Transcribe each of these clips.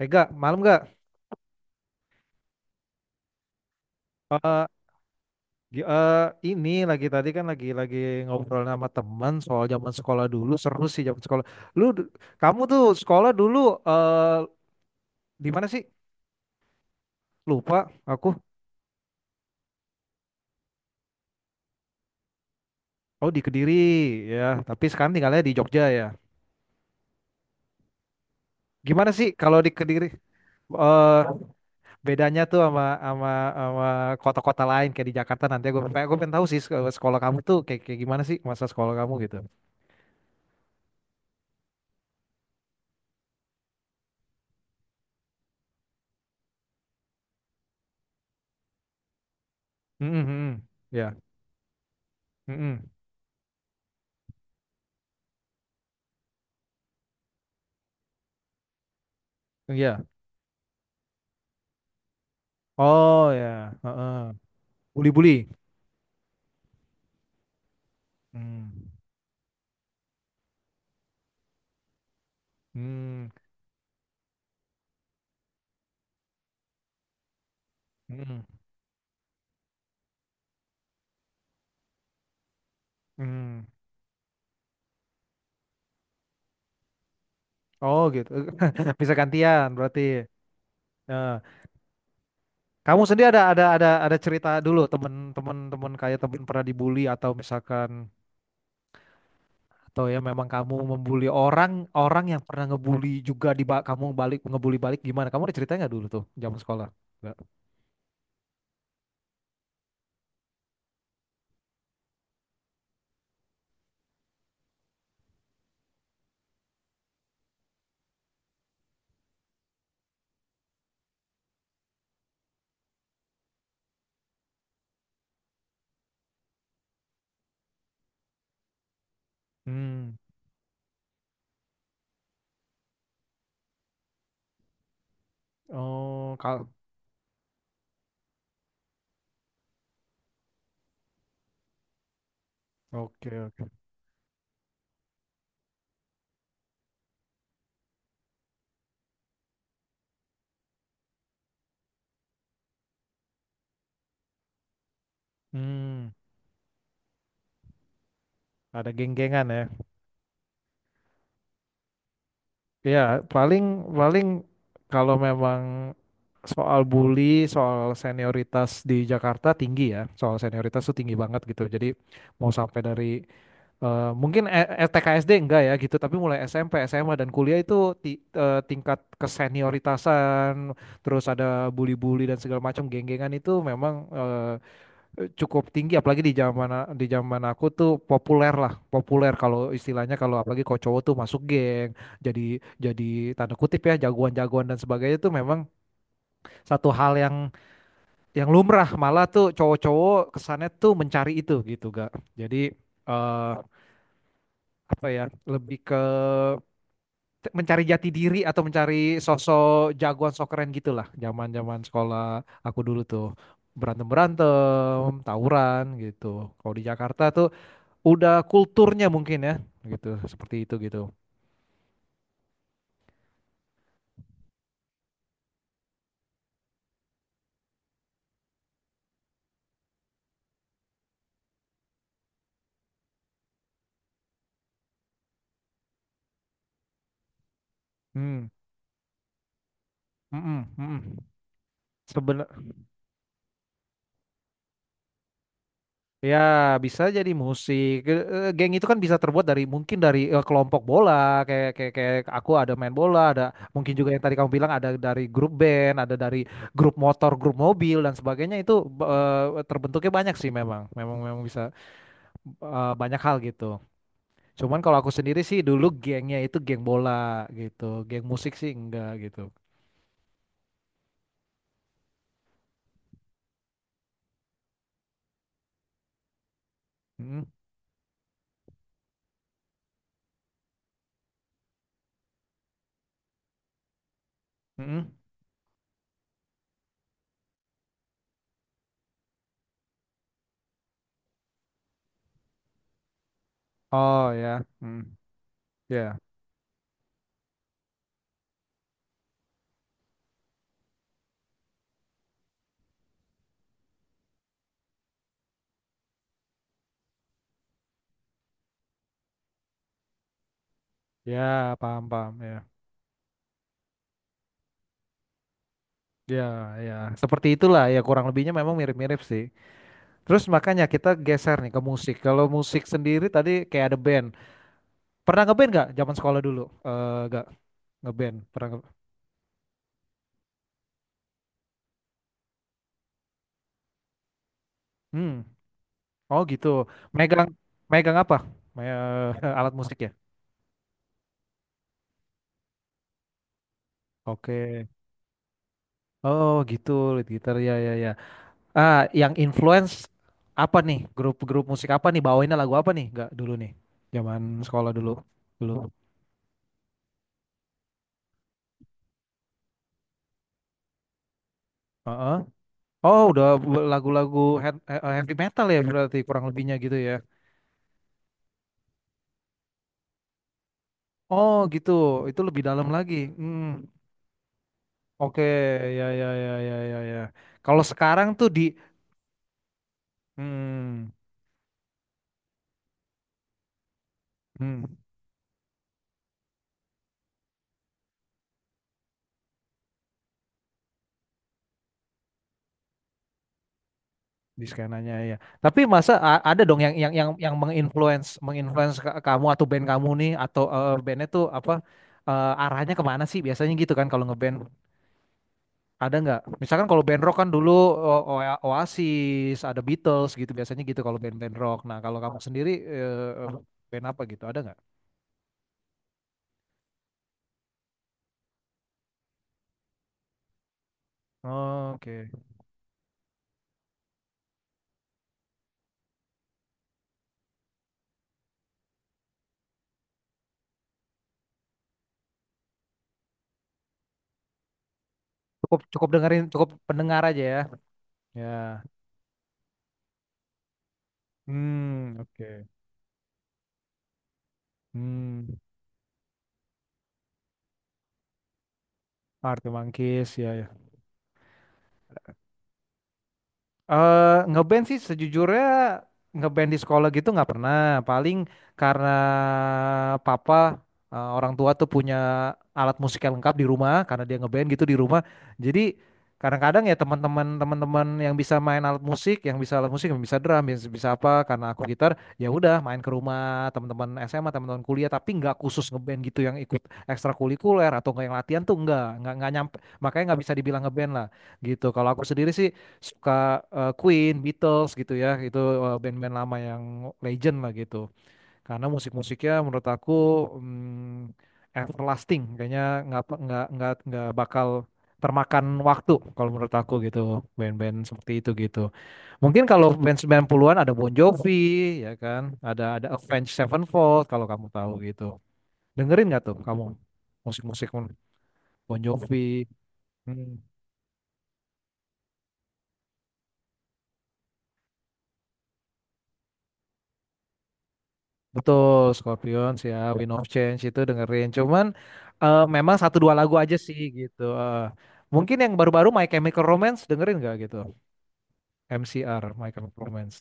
Eh gak, malam gak? Eh, gi- eh, ini lagi tadi kan lagi ngobrol sama teman soal zaman sekolah dulu, seru sih zaman sekolah. Lu, d- Kamu tuh sekolah dulu eh di mana sih? Lupa aku. Oh di Kediri ya, tapi sekarang tinggalnya di Jogja ya. Gimana sih kalau di Kediri? eh Bedanya tuh sama sama sama kota-kota lain kayak di Jakarta. Nanti gue pengen tahu sih sekolah kamu tuh kayak kayak gimana sih, masa sekolah kamu gitu. Mm. Ya. Mm-mm. Iya. Oh ya, heeh. Buli-buli. Hmm. Hmm. Hmm. Hmm. Oh gitu. Bisa gantian berarti. Heeh. Kamu sendiri ada cerita dulu, temen-temen temen kayak temen pernah dibully atau misalkan, atau ya memang kamu membuli orang, orang yang pernah ngebully juga kamu balik ngebully balik gimana? Kamu ada ceritanya nggak dulu tuh zaman sekolah? Nggak. Hmm. Oh, kal. Oke, oke. Hmm. Ada geng-gengan ya. Ya, paling paling kalau memang soal bully, soal senioritas di Jakarta tinggi ya. Soal senioritas tuh tinggi banget gitu. Jadi mau sampai dari mungkin E- E- T K s d enggak ya gitu, tapi mulai SMP, SMA dan kuliah itu tingkat kesenioritasan, terus ada bully-bully dan segala macam geng-gengan itu memang cukup tinggi, apalagi di zaman aku tuh populer lah, populer kalau istilahnya, kalau apalagi kalau cowok tuh masuk geng. Jadi jadi tanda kutip ya jagoan-jagoan dan sebagainya tuh memang satu hal yang lumrah, malah tuh cowok-cowok kesannya tuh mencari itu gitu gak. Jadi eh apa ya lebih ke mencari jati diri atau mencari sosok jagoan sok keren gitulah. Zaman-zaman sekolah aku dulu tuh berantem-berantem, tawuran gitu. Kalau di Jakarta tuh udah kulturnya mungkin ya, gitu, seperti itu gitu. Hmm. Mm-mm, mm-mm. Sebena- ya bisa jadi musik. Geng itu kan bisa terbuat dari, mungkin dari kelompok bola, kayak kayak kayak aku ada main bola, ada mungkin juga yang tadi kamu bilang, ada dari grup band, ada dari grup motor, grup mobil dan sebagainya itu. Terbentuknya banyak sih, memang memang memang bisa banyak hal gitu. Cuman kalau aku sendiri sih, dulu gengnya itu geng bola gitu, geng musik sih enggak gitu. Mm, mm. Oh ya, hmm, ya, ya paham paham ya, ya ya seperti itulah ya, kurang lebihnya memang mirip-mirip sih. Terus makanya kita geser nih ke musik. Kalau musik sendiri tadi kayak ada band. Pernah ngeband nggak zaman sekolah dulu? Nggak ngeband. Pernah nge- Hmm. Oh gitu. Megang Megang apa? Me- Alat musik ya. Oke. Oh gitu, lead gitar ya ya ya. Ah, yang influence apa nih? Grup-grup musik apa nih? Bawainnya lagu apa nih? Nggak dulu nih. Zaman sekolah dulu. Dulu. Heeh. Oh, udah lagu-lagu heavy metal ya berarti, kurang lebihnya gitu ya. Oh, gitu. Itu lebih dalam lagi. Hmm. Oke, ya ya ya ya ya ya. Kalau sekarang tuh di hmm, hmm, di skenanya ya. Tapi masa ada dong yang menginfluence menginfluence kamu atau band kamu nih, atau bandnya tuh apa, arahnya kemana sih biasanya gitu kan kalau ngeband? Ada nggak? Misalkan kalau band rock kan dulu Oasis, ada Beatles gitu biasanya gitu kalau band-band rock. Nah kalau kamu sendiri band apa gitu? Ada nggak? Oke, Cukup cukup dengerin, cukup pendengar aja ya. Ya. Hmm, oke. Hmm, Arctic Monkeys ya ya. Ngeband sih sejujurnya, ngeband di sekolah gitu nggak pernah. Paling karena papa orang tua tuh punya alat musik yang lengkap di rumah karena dia ngeband gitu di rumah. Jadi kadang-kadang ya teman-teman yang bisa main alat musik, yang bisa alat musik, yang bisa drum, yang bisa apa, karena aku gitar, ya udah main ke rumah teman-teman SMA, teman-teman kuliah. Tapi nggak khusus ngeband gitu yang ikut ekstrakurikuler atau nggak, yang latihan tuh nggak nyampe, makanya nggak bisa dibilang ngeband lah gitu. Kalau aku sendiri sih suka Queen, Beatles gitu ya, itu band-band lama yang legend lah gitu. Karena musik-musiknya menurut aku, mm, everlasting, kayaknya nggak pe- nggak bakal termakan waktu kalau menurut aku gitu, band-band seperti itu gitu. Mungkin kalau band 90-an ada Bon Jovi ya kan, ada Avenged Sevenfold kalau kamu tahu gitu. Dengerin nggak tuh kamu musik-musik Bon Jovi? Hmm. Betul, Scorpion siap, Wind of Change itu dengerin. Cuman memang satu dua lagu aja sih gitu. Eh. Mungkin yang baru-baru My Chemical Romance dengerin nggak gitu? MCR, My Chemical Romance.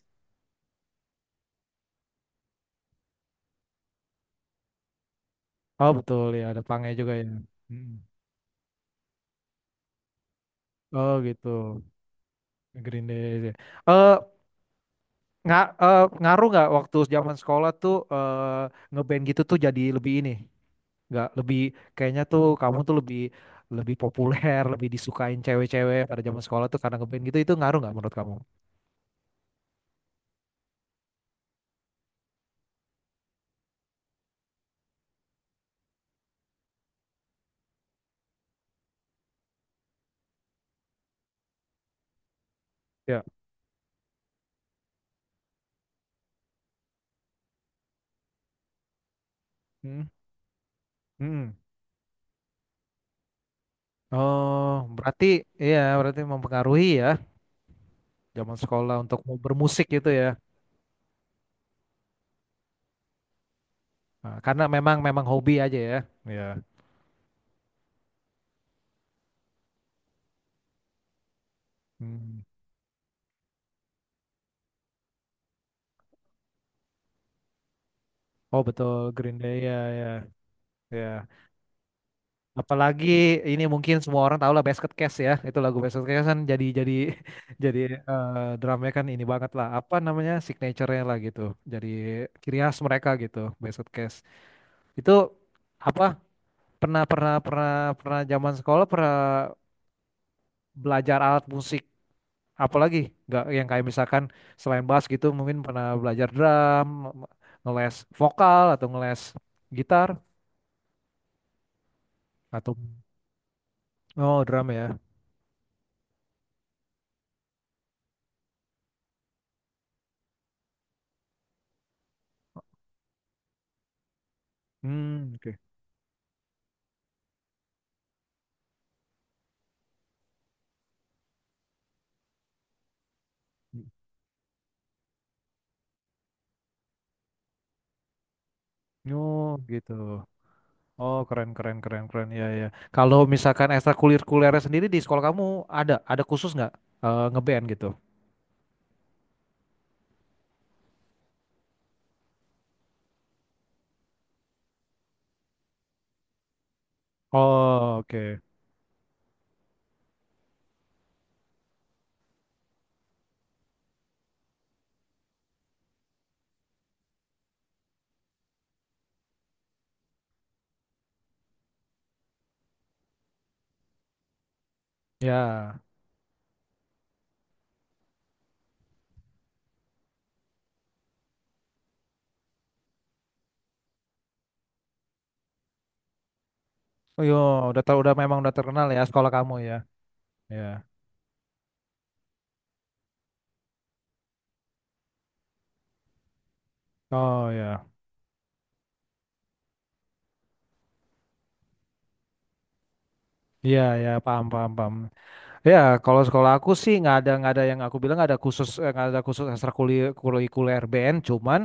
Oh betul ya, ada pangnya juga ya. Mm. Oh gitu, Green Day. Eh nggak eh, Ngaruh nggak waktu zaman sekolah tuh ngeband gitu, tuh jadi lebih ini, nggak lebih, kayaknya tuh kamu tuh lebih, lebih populer, lebih disukain cewek-cewek pada zaman sekolah tuh karena ngeband gitu, itu ngaruh nggak menurut kamu? Hmm, hmm. Oh, berarti iya, berarti mempengaruhi ya zaman sekolah untuk mau bermusik gitu ya. Nah, karena memang memang hobi aja ya. Iya. Hmm. Oh betul Green Day ya ya ya. Apalagi ini mungkin semua orang tahu lah Basket Case ya. Itu lagu Basket Case kan jadi jadi drumnya kan ini banget lah. Apa namanya, signature-nya lah gitu. Jadi ciri khas mereka gitu, Basket Case. Itu apa pernah pernah pernah pernah zaman sekolah pernah belajar alat musik apalagi nggak, yang kayak misalkan selain bass gitu, mungkin pernah belajar drum, ngeles vokal atau ngeles gitar atau oh drum ya. Hmm. Oke. Oh gitu. Oh keren keren keren keren ya ya. Kalau misalkan ekstrakurikulernya sendiri di sekolah kamu ada khusus nggak ngeband gitu. Oh. Oke. Ya. Oh yo, udah ter- udah memang udah terkenal ya sekolah kamu ya. Ya. Oh ya. Iya, ya, paham, paham, paham. Ya, kalau sekolah aku sih nggak ada, nggak ada yang aku bilang, nggak ada khusus nggak ada khusus ekstrakurikuler BN, cuman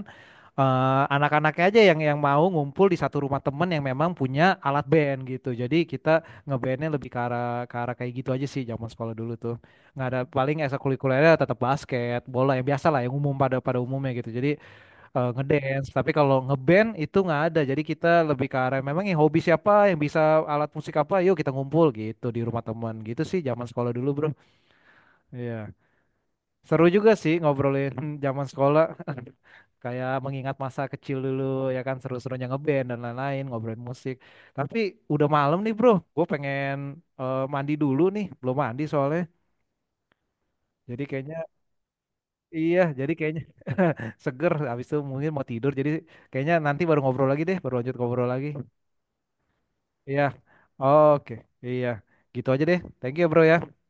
anak-anaknya aja yang mau ngumpul di satu rumah temen yang memang punya alat BN gitu. Jadi kita nge bn lebih ke arah, ke arah kayak gitu aja sih zaman sekolah dulu tuh. Nggak ada, paling ekstrakurikulernya tetap basket, bola yang biasa lah, yang umum pada pada umumnya gitu. Jadi ngedance, tapi kalau ngeband itu nggak ada. Jadi kita lebih ke arah memang yang hobi siapa, yang bisa alat musik apa, yuk kita ngumpul gitu di rumah temen gitu sih zaman sekolah dulu, Bro. Iya. Seru juga sih ngobrolin zaman sekolah. Kayak mengingat masa kecil dulu, ya kan seru-serunya ngeband dan lain-lain, ngobrolin musik. Tapi udah malam nih, Bro. Gue pengen mandi dulu nih. Belum mandi soalnya. Jadi kayaknya iya, jadi kayaknya seger habis itu mungkin mau tidur. Jadi kayaknya nanti baru ngobrol lagi deh, baru lanjut ngobrol lagi. Iya. Oke. Iya. Gitu aja deh. Thank you, Bro ya.